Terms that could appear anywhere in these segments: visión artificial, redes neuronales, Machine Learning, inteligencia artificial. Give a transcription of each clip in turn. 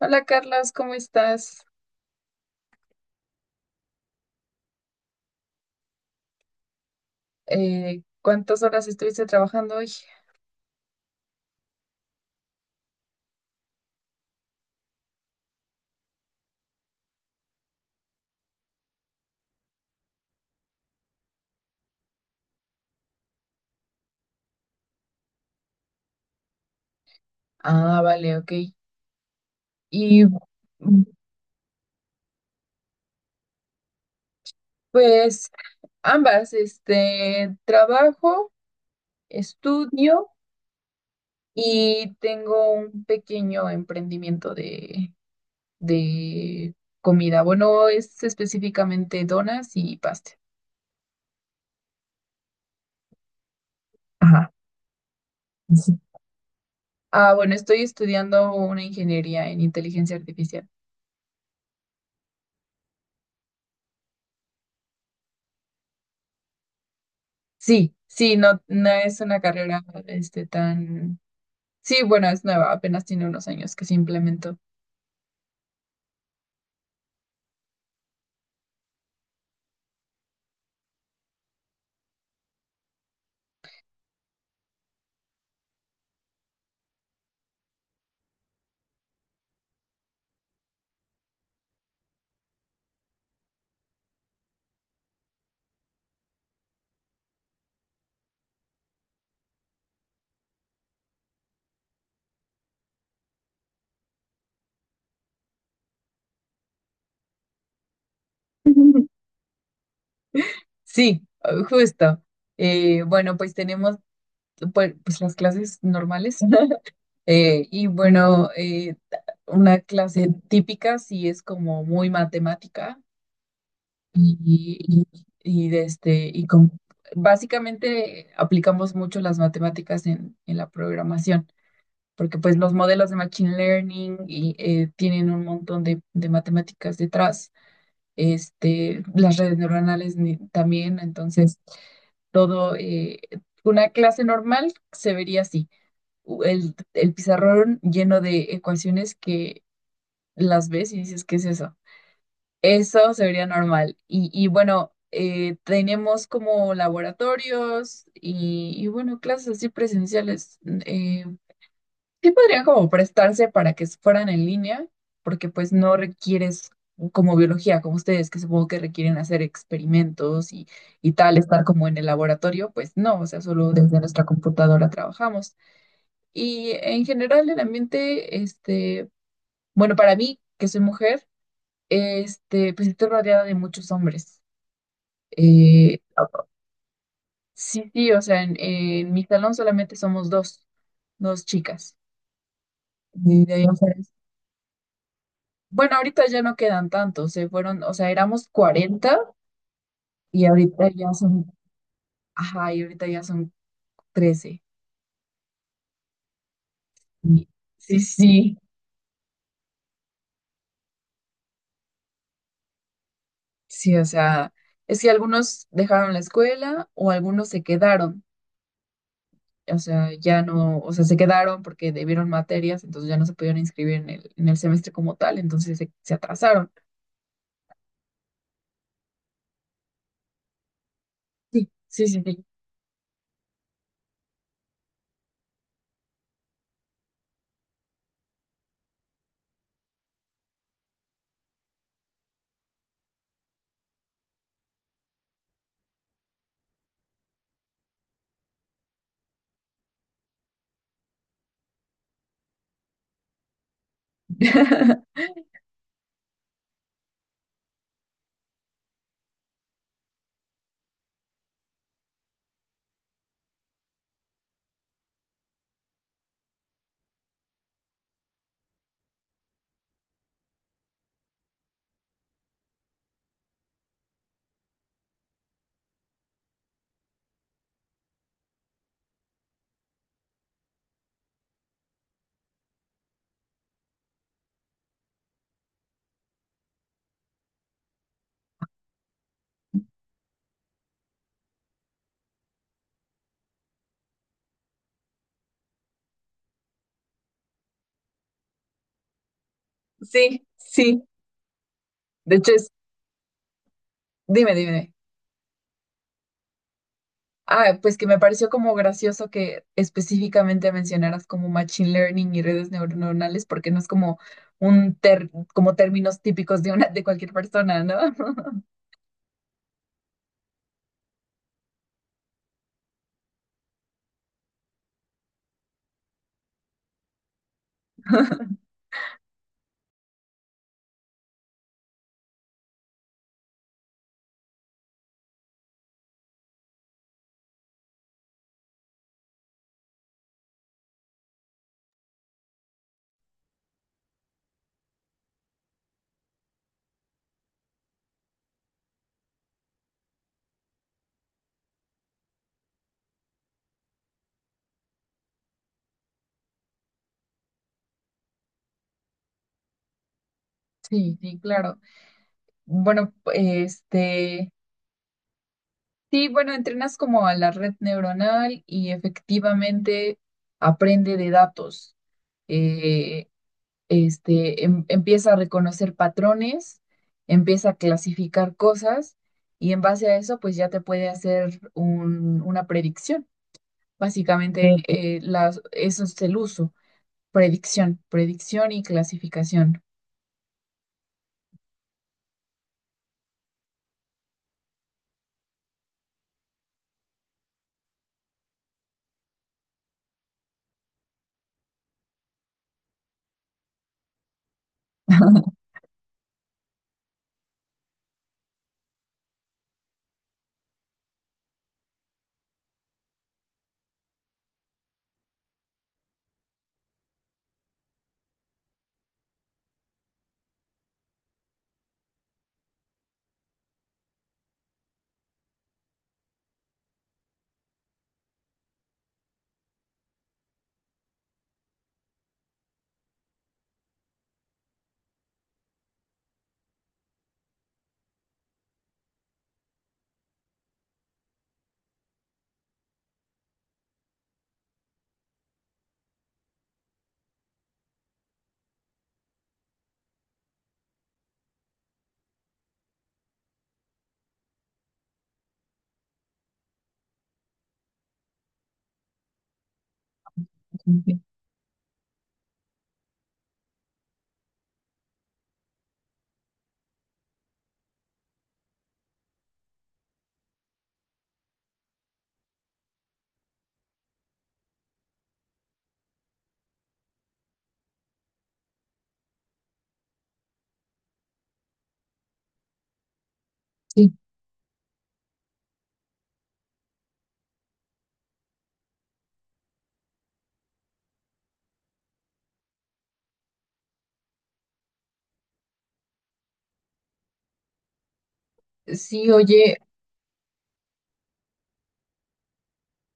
Hola Carlos, ¿cómo estás? ¿Cuántas horas estuviste trabajando hoy? Ah, vale, ok. Y mm, pues ambas, este, trabajo, estudio y tengo un pequeño emprendimiento de comida. Bueno, es específicamente donas y pastel. Ajá. Sí. Ah, bueno, estoy estudiando una ingeniería en inteligencia artificial. Sí, sí, no, no es una carrera este, tan... Sí, bueno, es nueva, apenas tiene unos años que se implementó. Sí, justo. Bueno, pues tenemos pues, pues las clases normales. Eh, y bueno, eh, una clase típica sí es como muy matemática y, y, y de básicamente aplicamos mucho las matemáticas en la programación, porque pues los modelos de machine learning y tienen un montón de matemáticas detrás. Este, las redes neuronales también, entonces todo, una clase normal se vería así, el pizarrón lleno de ecuaciones que las ves y dices, ¿qué es eso? Eso se vería normal. Y bueno, tenemos como laboratorios y bueno, clases así presenciales. Eh, Sí podrían como prestarse para que fueran en línea, porque pues no requieres como biología, como ustedes, que supongo que requieren hacer experimentos y tal, estar como en el laboratorio, pues no, o sea, solo desde nuestra computadora trabajamos. Y en general el ambiente, este, bueno, para mí, que soy mujer, este, pues estoy rodeada de muchos hombres. Eh, sí, sí, o sea, en mi salón solamente somos 2 chicas. Y de ahí en fuera... Bueno, ahorita ya no quedan tantos, se fueron, o sea, éramos 40 y ahorita ya son... Ajá, y ahorita ya son 13. Y... Sí, sí, sí, o sea, es que algunos dejaron la escuela o algunos se quedaron, o sea, ya no, o sea, se quedaron porque debieron materias, entonces ya no se pudieron inscribir en el semestre como tal, se atrasaron. Sí, sí, sí, sí. Sí, sí, de hecho es... dime. Ah, pues que me pareció como gracioso que específicamente mencionaras como machine learning y redes neuronales, porque no es como como términos típicos de una de cualquier persona, ¿no? Sí, sí, claro. Bueno, este, sí, bueno, entrenas como a la red neuronal y efectivamente aprende de datos. Eh, este, empieza a reconocer patrones, empieza a clasificar cosas y en base a eso, pues ya te puede hacer una predicción. Básicamente, sí. Eso es el uso, predicción y clasificación. Sí. Sí, oye,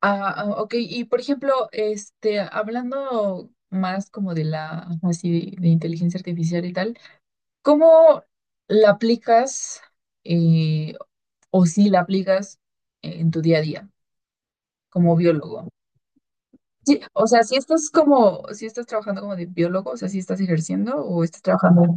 ok, y por ejemplo, este, hablando más como de la, así, de inteligencia artificial y tal. ¿Cómo la aplicas eh, o si la aplicas en tu día a día como biólogo? Sí, o sea, si estás como, si estás trabajando como de biólogo, o sea, si estás ejerciendo o estás trabajando.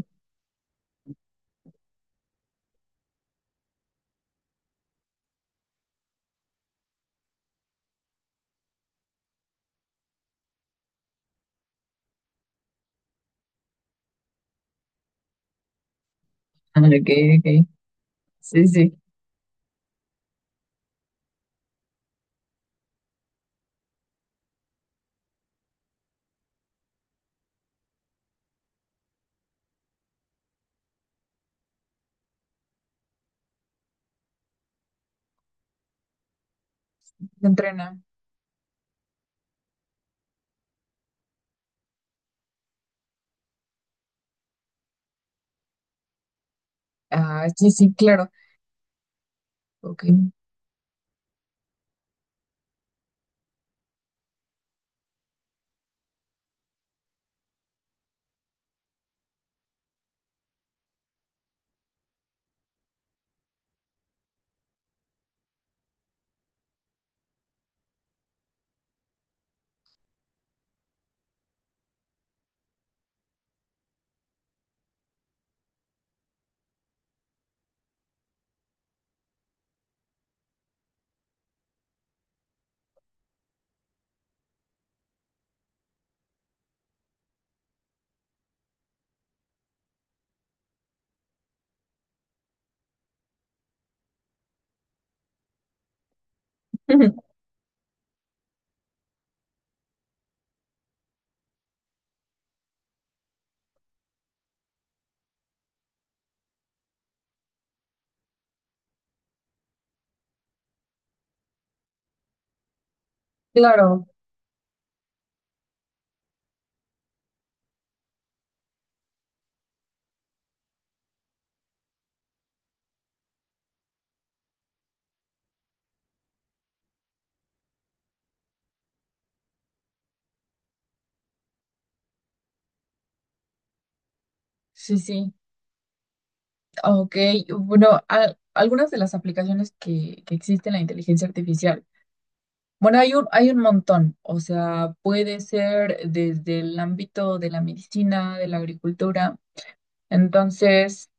Ah, ok, ok. Sí, sí. Se entrena. Ah, sí, sí, claro. Ok. Claro, sí, sí. Ok, bueno, algunas de las aplicaciones que existen en la inteligencia artificial. Bueno, hay un montón, o sea, puede ser desde el ámbito de la medicina, de la agricultura. Entonces,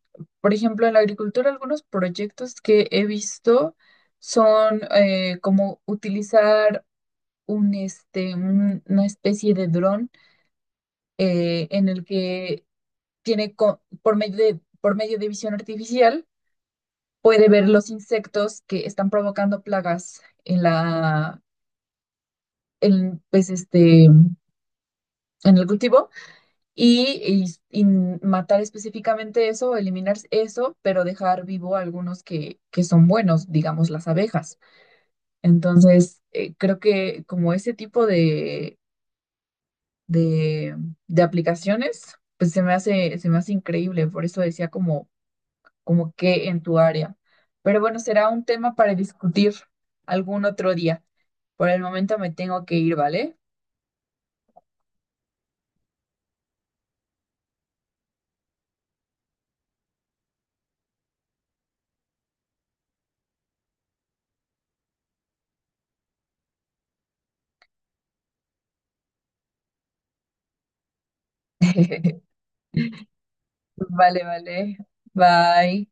por ejemplo, en la agricultura, algunos proyectos que he visto son como utilizar este, una especie de dron en el que tiene, por medio por medio de visión artificial, puede ver los insectos que están provocando plagas en, pues, este, en el cultivo y, y matar específicamente eso, eliminar eso, pero dejar vivo algunos que son buenos, digamos las abejas. Entonces, creo que como ese tipo de, de aplicaciones, pues se me hace increíble, por eso decía como, como que en tu área. Pero bueno, será un tema para discutir algún otro día. Por el momento me tengo que ir, ¿vale? Vale, vale. Bye.